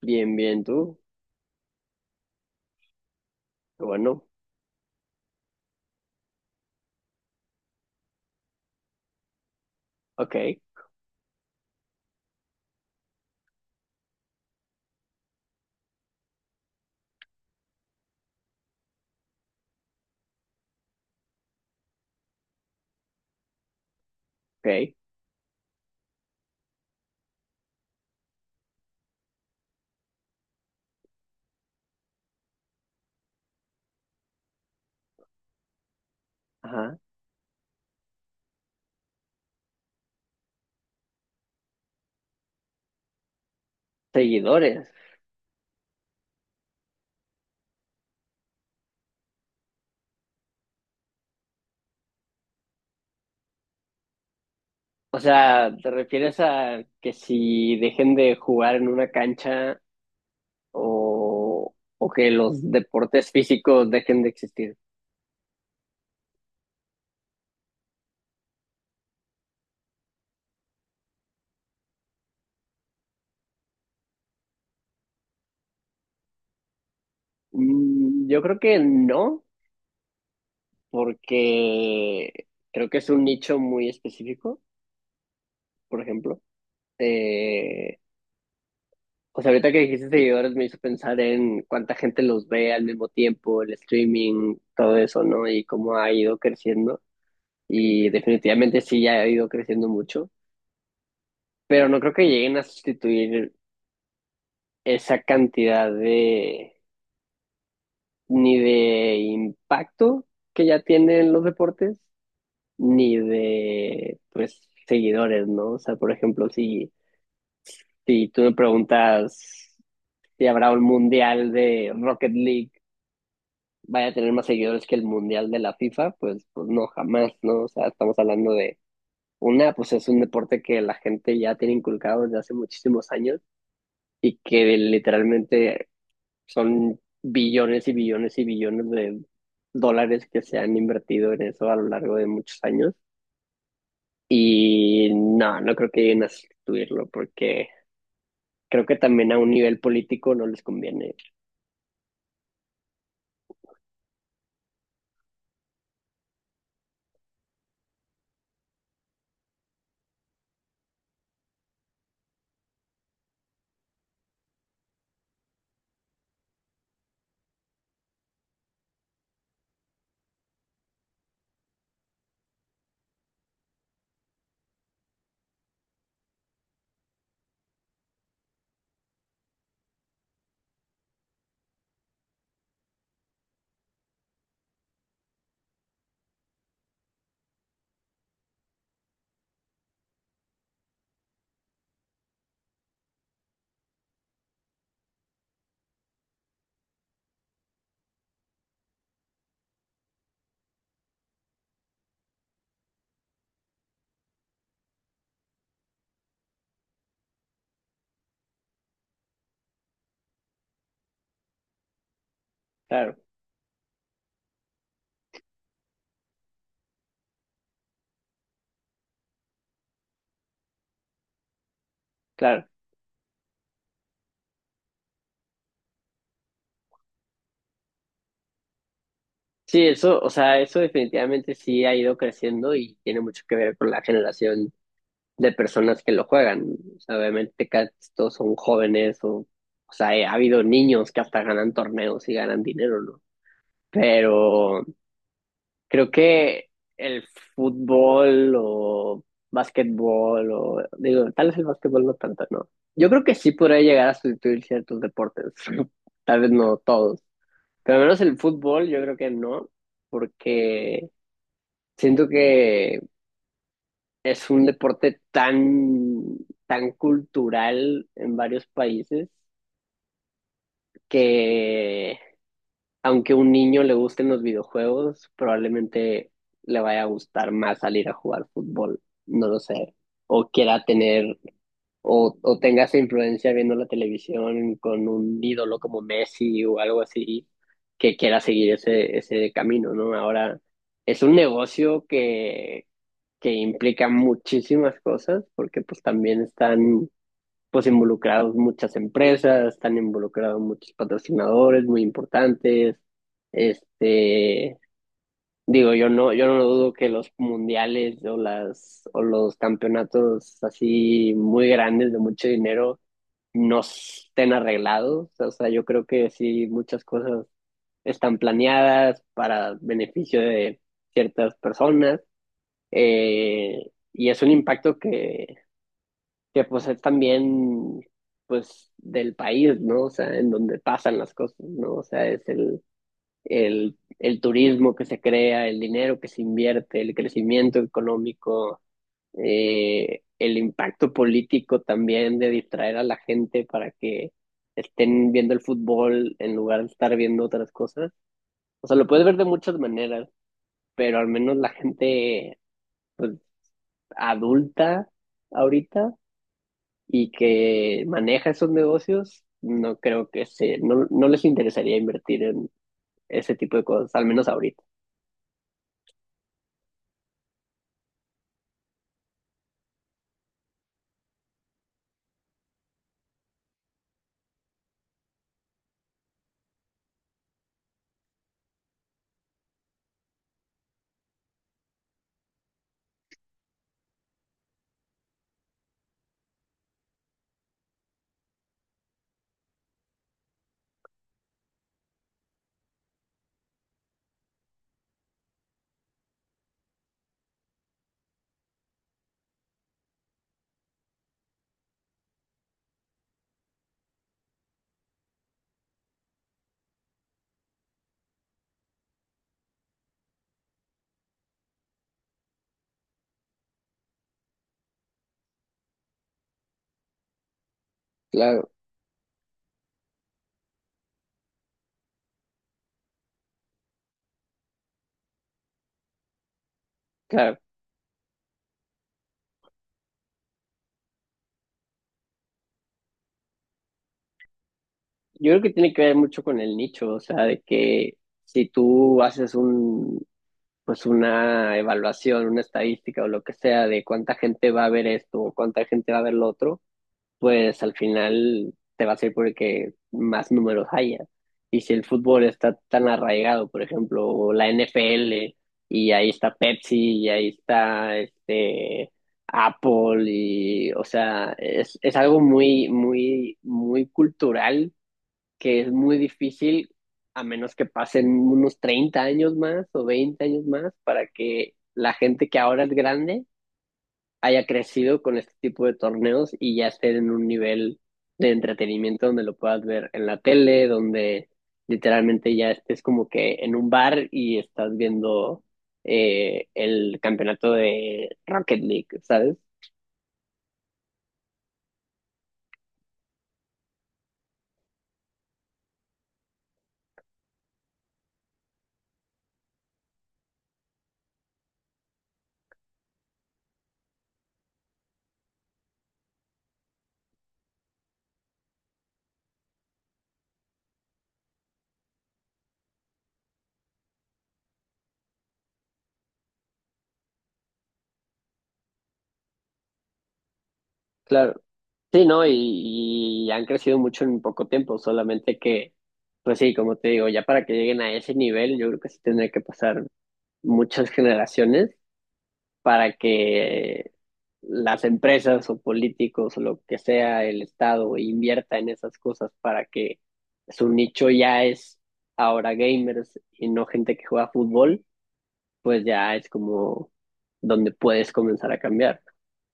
Bien, bien, tú. Qué bueno. Ok, ok, ajá. Seguidores. O sea, ¿te refieres a que si dejen de jugar en una cancha o que los deportes físicos dejen de existir? Yo creo que no, porque creo que es un nicho muy específico, por ejemplo. Eh, o sea, ahorita que dijiste seguidores me hizo pensar en cuánta gente los ve al mismo tiempo, el streaming, todo eso, ¿no? Y cómo ha ido creciendo. Y definitivamente sí ya ha ido creciendo mucho, pero no creo que lleguen a sustituir esa cantidad de ni de impacto que ya tienen los deportes, ni de pues seguidores, ¿no? O sea, por ejemplo, si tú me preguntas si habrá un mundial de Rocket League, vaya a tener más seguidores que el mundial de la FIFA, pues, pues no, jamás, ¿no? O sea, estamos hablando de una, pues es un deporte que la gente ya tiene inculcado desde hace muchísimos años y que literalmente son billones y billones y billones de dólares que se han invertido en eso a lo largo de muchos años. Y no, no creo que lleguen a sustituirlo porque creo que también a un nivel político no les conviene. Claro, claro. Sí, eso, o sea, eso definitivamente sí ha ido creciendo y tiene mucho que ver con la generación de personas que lo juegan. O sea, obviamente casi todos son jóvenes o sea, ha habido niños que hasta ganan torneos y ganan dinero, ¿no? Pero creo que el fútbol o básquetbol o digo, tal vez el básquetbol no tanto, ¿no? Yo creo que sí podría llegar a sustituir ciertos deportes, tal vez no todos, pero al menos el fútbol yo creo que no, porque siento que es un deporte tan, tan cultural en varios países que aunque a un niño le gusten los videojuegos, probablemente le vaya a gustar más salir a jugar fútbol, no lo sé, o quiera tener, o tenga esa influencia viendo la televisión con un ídolo como Messi o algo así, que quiera seguir ese camino, ¿no? Ahora, es un negocio que implica muchísimas cosas, porque pues también están pues involucrados muchas empresas, están involucrados muchos patrocinadores muy importantes. Este, digo, yo no dudo que los mundiales o o los campeonatos así muy grandes de mucho dinero no estén arreglados. O sea, yo creo que sí muchas cosas están planeadas para beneficio de ciertas personas. Y es un impacto que pues es también pues del país, ¿no? O sea, en donde pasan las cosas, ¿no? O sea, es el turismo que se crea, el dinero que se invierte, el crecimiento económico, el impacto político también de distraer a la gente para que estén viendo el fútbol en lugar de estar viendo otras cosas. O sea, lo puedes ver de muchas maneras, pero al menos la gente pues, adulta ahorita y que maneja esos negocios, no creo que no, no les interesaría invertir en ese tipo de cosas, al menos ahorita. Claro, claro. Yo creo que tiene que ver mucho con el nicho, o sea, de que si tú haces un, pues una evaluación, una estadística o lo que sea de cuánta gente va a ver esto o cuánta gente va a ver lo otro, pues al final te va a ser porque más números haya. Y si el fútbol está tan arraigado, por ejemplo, o la NFL, y ahí está Pepsi, y ahí está este Apple, y o sea, es algo muy, muy, muy cultural que es muy difícil, a menos que pasen unos 30 años más o 20 años más, para que la gente que ahora es grande haya crecido con este tipo de torneos y ya esté en un nivel de entretenimiento donde lo puedas ver en la tele, donde literalmente ya estés como que en un bar y estás viendo el campeonato de Rocket League, ¿sabes? Claro. Sí, ¿no? Y han crecido mucho en poco tiempo, solamente que, pues sí, como te digo, ya para que lleguen a ese nivel, yo creo que sí tendría que pasar muchas generaciones para que las empresas o políticos o lo que sea el Estado invierta en esas cosas para que su nicho ya es ahora gamers y no gente que juega fútbol, pues ya es como donde puedes comenzar a cambiar.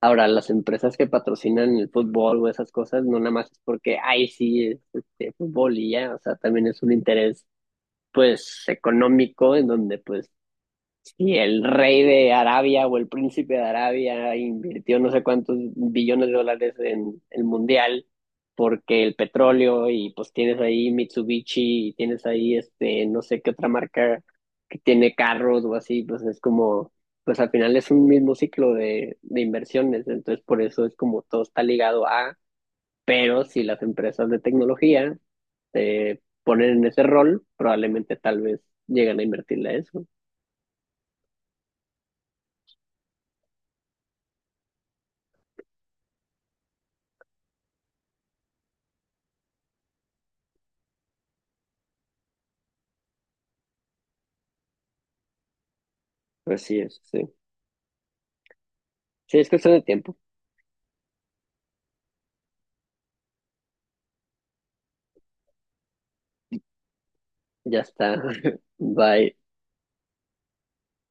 Ahora, las empresas que patrocinan el fútbol o esas cosas, no nada más es porque, ay, sí, es, este, fútbol y ya, o sea, también es un interés, pues, económico en donde, pues, y el rey de Arabia o el príncipe de Arabia invirtió no sé cuántos billones de dólares en el mundial porque el petróleo y pues tienes ahí Mitsubishi y tienes ahí este no sé qué otra marca que tiene carros o así, pues es como pues al final es un mismo ciclo de inversiones, entonces por eso es como todo está ligado a, pero si las empresas de tecnología se ponen en ese rol, probablemente tal vez llegan a invertirle a eso. Así es, sí. Sí, es cuestión de tiempo. Ya está. Bye.